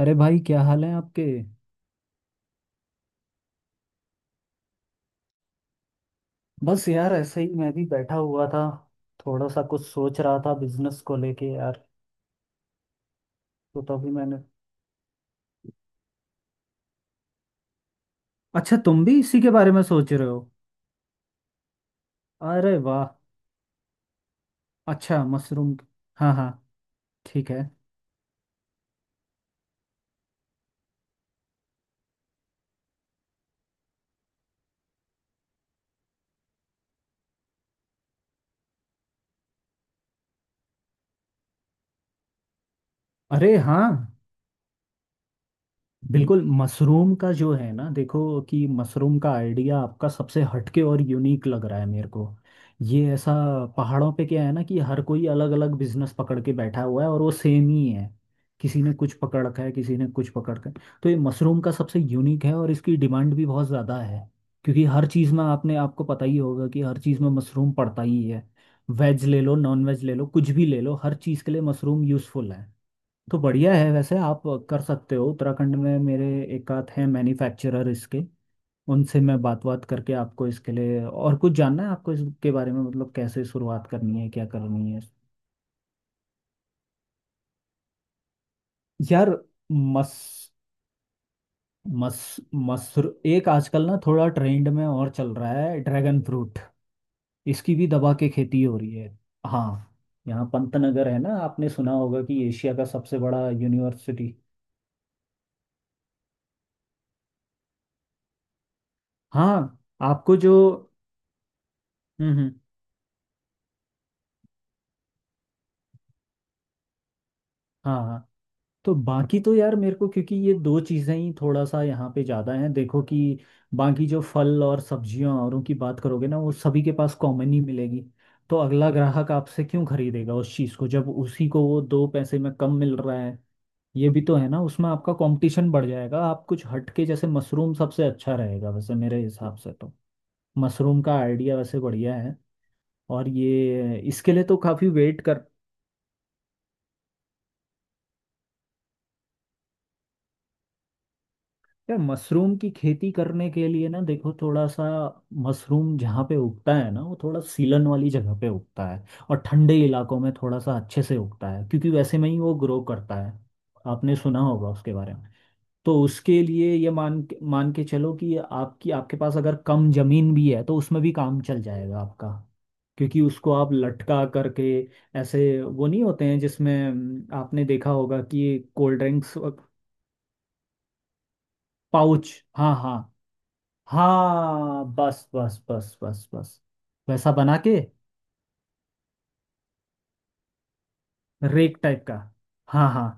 अरे भाई, क्या हाल है आपके। बस यार, ऐसे ही मैं भी बैठा हुआ था। थोड़ा सा कुछ सोच रहा था बिजनेस को लेके यार, तो तभी मैंने। अच्छा, तुम भी इसी के बारे में सोच रहे हो। अरे वाह, अच्छा मशरूम। हाँ हाँ, ठीक है। अरे हाँ, बिल्कुल। मशरूम का जो है ना, देखो कि मशरूम का आइडिया आपका सबसे हटके और यूनिक लग रहा है मेरे को। ये ऐसा, पहाड़ों पे क्या है ना कि हर कोई अलग अलग बिजनेस पकड़ के बैठा हुआ है और वो सेम ही है। किसी ने कुछ पकड़ रखा है, किसी ने कुछ पकड़ रखा है। तो ये मशरूम का सबसे यूनिक है और इसकी डिमांड भी बहुत ज़्यादा है। क्योंकि हर चीज़ में, आपने आपको पता ही होगा कि हर चीज़ में मशरूम पड़ता ही है। वेज ले लो, नॉन वेज ले लो, कुछ भी ले लो, हर चीज़ के लिए मशरूम यूज़फुल है। तो बढ़िया है। वैसे आप कर सकते हो उत्तराखंड में। मेरे एक आध हैं मैन्युफैक्चरर इसके। उनसे मैं बात बात करके आपको इसके लिए। और कुछ जानना है आपको इसके बारे में, मतलब कैसे शुरुआत करनी है, क्या करनी है। यार मस मस मसर, एक आजकल ना थोड़ा ट्रेंड में और चल रहा है ड्रैगन फ्रूट। इसकी भी दबा के खेती हो रही है। हाँ, यहाँ पंतनगर है ना, आपने सुना होगा कि एशिया का सबसे बड़ा यूनिवर्सिटी। हाँ, आपको जो। हम्म हम्म हाँ हाँ। तो बाकी तो यार मेरे को, क्योंकि ये दो चीज़ें ही थोड़ा सा यहाँ पे ज़्यादा हैं, देखो कि बाकी जो फल और सब्जियाँ औरों की बात करोगे ना, वो सभी के पास कॉमन ही मिलेगी। तो अगला ग्राहक आपसे क्यों खरीदेगा उस चीज़ को, जब उसी को वो दो पैसे में कम मिल रहा है। ये भी तो है ना, उसमें आपका कंपटीशन बढ़ जाएगा। आप कुछ हटके, जैसे मशरूम सबसे अच्छा रहेगा वैसे मेरे हिसाब से तो। मशरूम का आइडिया वैसे बढ़िया है। और ये इसके लिए तो काफ़ी वेट कर। यार मशरूम की खेती करने के लिए ना, देखो थोड़ा सा। मशरूम जहाँ पे उगता है ना, वो थोड़ा सीलन वाली जगह पे उगता है। और ठंडे इलाकों में थोड़ा सा अच्छे से उगता है, क्योंकि वैसे में ही वो ग्रो करता है। आपने सुना होगा उसके बारे में। तो उसके लिए ये मान के चलो कि आपकी, आपके पास अगर कम जमीन भी है तो उसमें भी काम चल जाएगा आपका। क्योंकि उसको आप लटका करके, ऐसे वो नहीं होते हैं जिसमें आपने देखा होगा कि कोल्ड ड्रिंक्स। पाउच, हाँ हाँ। हाँ, बस बस बस बस बस। वैसा बना के। रेक टाइप का, हाँ हाँ।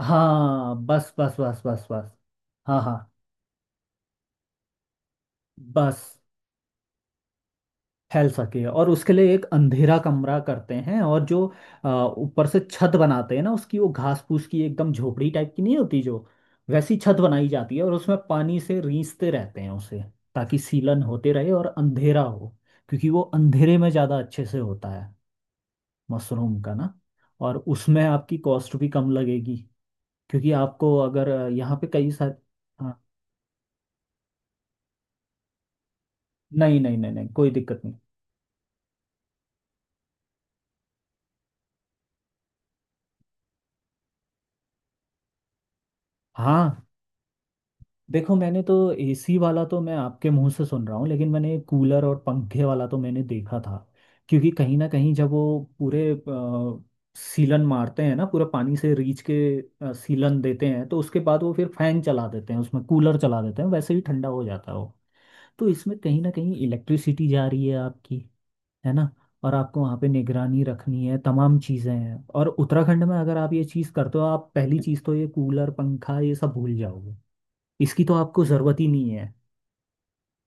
हाँ, बस बस बस बस बस। हाँ हाँ, बस। फैल सके। और उसके लिए एक अंधेरा कमरा करते हैं, और जो अ, ऊपर से छत बनाते हैं ना उसकी, वो घास फूस की एकदम झोपड़ी टाइप की नहीं होती जो, वैसी छत बनाई जाती है। और उसमें पानी से रींचते रहते हैं उसे, ताकि सीलन होते रहे और अंधेरा हो। क्योंकि वो अंधेरे में ज़्यादा अच्छे से होता है, मशरूम का ना। और उसमें आपकी कॉस्ट भी कम लगेगी। क्योंकि आपको अगर यहाँ पे कई सारे। हाँ, नहीं नहीं, कोई दिक्कत नहीं। हाँ, देखो मैंने तो, एसी वाला तो मैं आपके मुंह से सुन रहा हूँ, लेकिन मैंने कूलर और पंखे वाला तो मैंने देखा था। क्योंकि कहीं ना कहीं जब वो पूरे सीलन मारते हैं ना, पूरा पानी से रीच के सीलन देते हैं, तो उसके बाद वो फिर फैन चला देते हैं, उसमें कूलर चला देते हैं, वैसे ही ठंडा हो जाता है वो। तो इसमें कहीं ना कहीं इलेक्ट्रिसिटी जा रही है आपकी, है ना। और आपको वहाँ पे निगरानी रखनी है, तमाम चीज़ें हैं। और उत्तराखंड में अगर आप ये चीज़ करते हो, आप पहली चीज़ तो ये कूलर पंखा ये सब भूल जाओगे। इसकी तो आपको ज़रूरत ही नहीं है।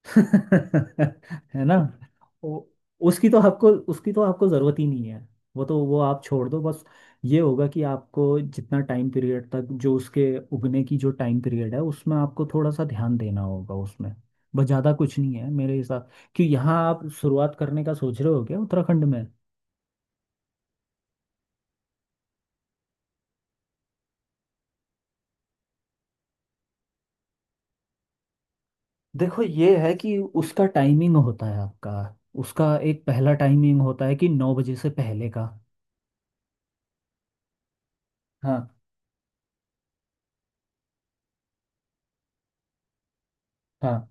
है ना। वो, उसकी तो आपको, उसकी तो आपको ज़रूरत ही नहीं है। वो तो वो आप छोड़ दो बस। ये होगा कि आपको जितना टाइम पीरियड तक जो उसके उगने की जो टाइम पीरियड है, उसमें आपको थोड़ा सा ध्यान देना होगा उसमें। बस, ज़्यादा कुछ नहीं है मेरे हिसाब। क्यों, यहाँ आप शुरुआत करने का सोच रहे हो क्या उत्तराखंड में। देखो ये है कि उसका टाइमिंग होता है आपका। उसका एक पहला टाइमिंग होता है कि नौ बजे से पहले का। हाँ हाँ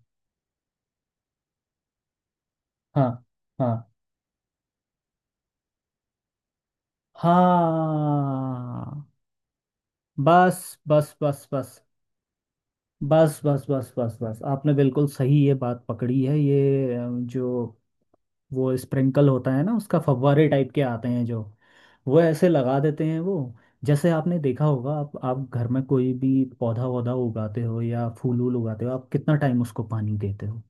हाँ हाँ हाँ, बस बस बस बस बस बस बस बस बस। आपने बिल्कुल सही ये बात पकड़ी है। ये जो वो स्प्रिंकल होता है ना, उसका फव्वारे टाइप के आते हैं जो, वो ऐसे लगा देते हैं वो। जैसे आपने देखा होगा, आप घर में कोई भी पौधा वौधा उगाते हो या फूल वूल उगाते हो, आप कितना टाइम उसको पानी देते हो।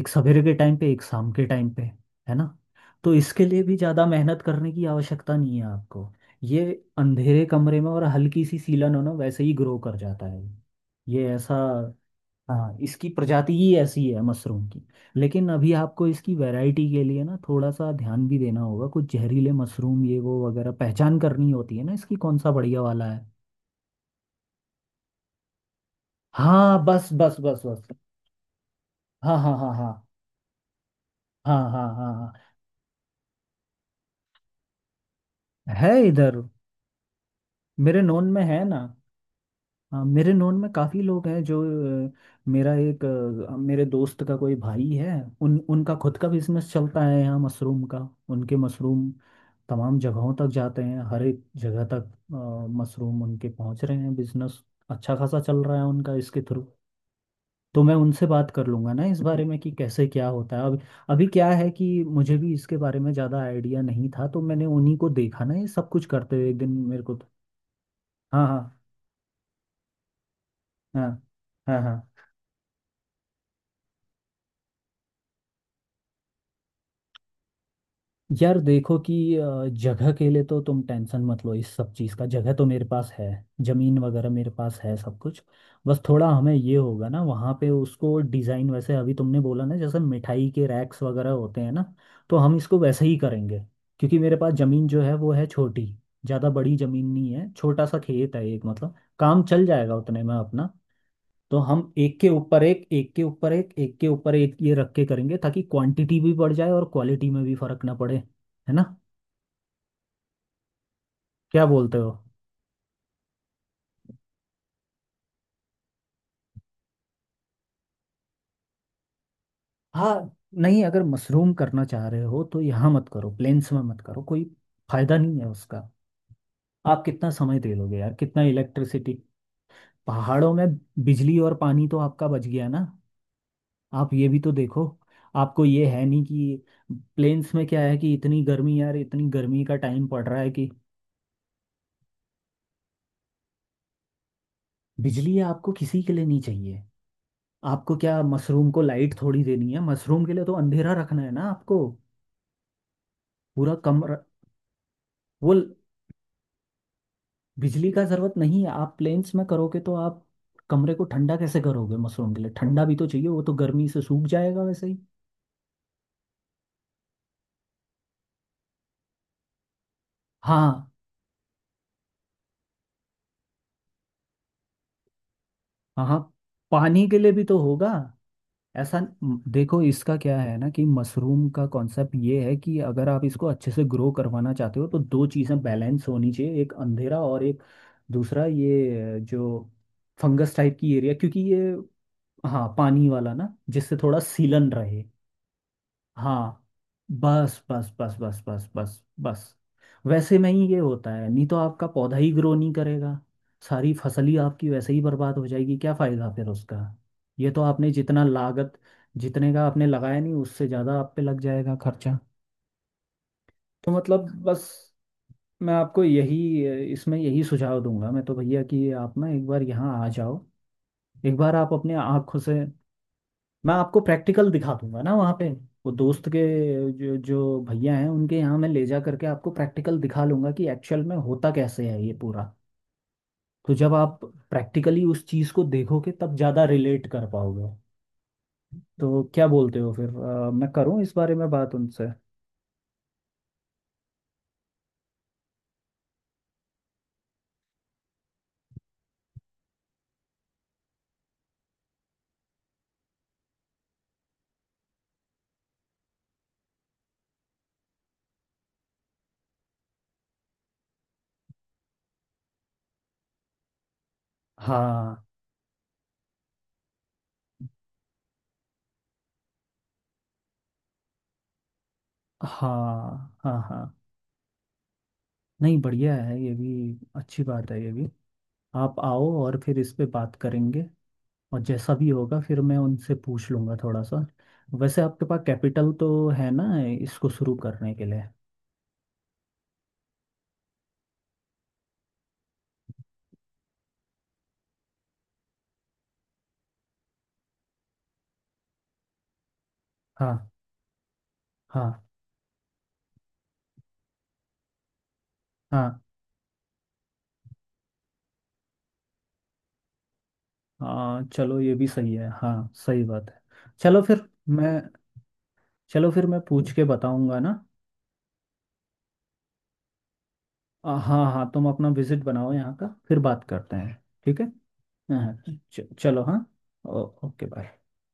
एक सवेरे के टाइम पे, एक शाम के टाइम पे, है ना। तो इसके लिए भी ज़्यादा मेहनत करने की आवश्यकता नहीं है आपको। ये अंधेरे कमरे में और हल्की सी सीलन हो ना, वैसे ही ग्रो कर जाता है। ये ऐसा, हाँ, इसकी प्रजाति ही ऐसी है मशरूम की। लेकिन अभी आपको इसकी वैरायटी के लिए ना थोड़ा सा ध्यान भी देना होगा, कुछ जहरीले मशरूम ये वो वगैरह पहचान करनी होती है ना, इसकी कौन सा बढ़िया वाला है। हाँ, बस बस बस बस। हाँ हाँ हाँ हाँ हाँ हाँ हाँ हाँ, है इधर, मेरे नोन में है ना। हाँ, मेरे नोन में काफ़ी लोग हैं जो अ, मेरा एक, मेरे दोस्त का कोई भाई है। उन उनका खुद का बिजनेस चलता है यहाँ मशरूम का। उनके मशरूम तमाम जगहों तक जाते हैं, हर एक जगह तक मशरूम उनके पहुँच रहे हैं। बिजनेस अच्छा खासा चल रहा है उनका इसके थ्रू। तो मैं उनसे बात कर लूँगा ना इस बारे में कि कैसे क्या होता है अब। अभी क्या है कि मुझे भी इसके बारे में ज़्यादा आइडिया नहीं था, तो मैंने उन्हीं को देखा ना ये सब कुछ करते हुए एक दिन, मेरे को तो-। हाँ हाँ हाँ हाँ हाँ। यार देखो कि जगह के लिए तो तुम टेंशन मत लो इस सब चीज़ का, जगह तो मेरे पास है। ज़मीन वगैरह मेरे पास है सब कुछ। बस थोड़ा हमें ये होगा ना, वहाँ पे उसको डिज़ाइन वैसे अभी तुमने बोला ना, जैसे मिठाई के रैक्स वगैरह होते हैं ना, तो हम इसको वैसे ही करेंगे। क्योंकि मेरे पास ज़मीन जो है वो है छोटी, ज़्यादा बड़ी ज़मीन नहीं है। छोटा सा खेत है एक, मतलब काम चल जाएगा उतने में अपना। तो हम एक के ऊपर एक ये रख के करेंगे, ताकि क्वांटिटी भी बढ़ जाए और क्वालिटी में भी फर्क ना पड़े, है ना। क्या बोलते हो। हाँ, नहीं अगर मशरूम करना चाह रहे हो तो यहाँ मत करो, प्लेन्स में मत करो, कोई फायदा नहीं है उसका। आप कितना समय दे लोगे यार, कितना इलेक्ट्रिसिटी। पहाड़ों में बिजली और पानी तो आपका बच गया ना। आप ये भी तो देखो, आपको ये है नहीं कि, प्लेन्स में क्या है कि इतनी गर्मी यार, इतनी गर्मी का टाइम पड़ रहा है कि। बिजली आपको किसी के लिए नहीं चाहिए। आपको क्या मशरूम को लाइट थोड़ी देनी है, मशरूम के लिए तो अंधेरा रखना है ना आपको, पूरा कमरा। वो ल-, बिजली का जरूरत नहीं है। आप प्लेन्स में करोगे तो आप कमरे को ठंडा कैसे करोगे, मशरूम के लिए ठंडा भी तो चाहिए, वो तो गर्मी से सूख जाएगा वैसे ही। हाँ हाँ हाँ, पानी के लिए भी तो होगा। ऐसा देखो, इसका क्या है ना कि मशरूम का कॉन्सेप्ट ये है कि अगर आप इसको अच्छे से ग्रो करवाना चाहते हो, तो दो चीज़ें बैलेंस होनी चाहिए। एक अंधेरा, और एक दूसरा ये जो फंगस टाइप की एरिया, क्योंकि ये। हाँ पानी वाला ना, जिससे थोड़ा सीलन रहे। हाँ, बस बस बस बस बस बस बस। वैसे में ही ये होता है, नहीं तो आपका पौधा ही ग्रो नहीं करेगा, सारी फसल ही आपकी वैसे ही बर्बाद हो जाएगी, क्या फायदा फिर उसका। ये तो आपने जितना लागत, जितने का आपने लगाया नहीं उससे ज़्यादा आप पे लग जाएगा खर्चा। तो मतलब बस, मैं आपको यही इसमें यही सुझाव दूंगा मैं तो भैया, कि आप ना एक बार यहाँ आ जाओ। एक बार आप अपने आँखों से, मैं आपको प्रैक्टिकल दिखा दूंगा ना वहाँ पे। वो दोस्त के जो, जो भैया हैं उनके यहाँ मैं ले जा करके आपको प्रैक्टिकल दिखा लूंगा कि एक्चुअल में होता कैसे है ये पूरा। तो जब आप प्रैक्टिकली उस चीज़ को देखोगे, तब ज़्यादा रिलेट कर पाओगे। तो क्या बोलते हो फिर, मैं करूँ इस बारे में बात उनसे। हाँ हाँ हाँ हाँ, नहीं बढ़िया है, ये भी अच्छी बात है ये भी। आप आओ और फिर इस पे बात करेंगे। और जैसा भी होगा फिर मैं उनसे पूछ लूँगा थोड़ा सा। वैसे आपके पास कैपिटल तो है ना, इसको शुरू करने के लिए। हाँ हाँ हाँ हाँ, चलो ये भी सही है, हाँ सही बात है। चलो फिर। मैं मैं पूछ के बताऊँगा ना। हाँ हाँ, तुम अपना विजिट बनाओ यहाँ का, फिर बात करते हैं, ठीक है। हाँ। चलो हाँ। Okay bye.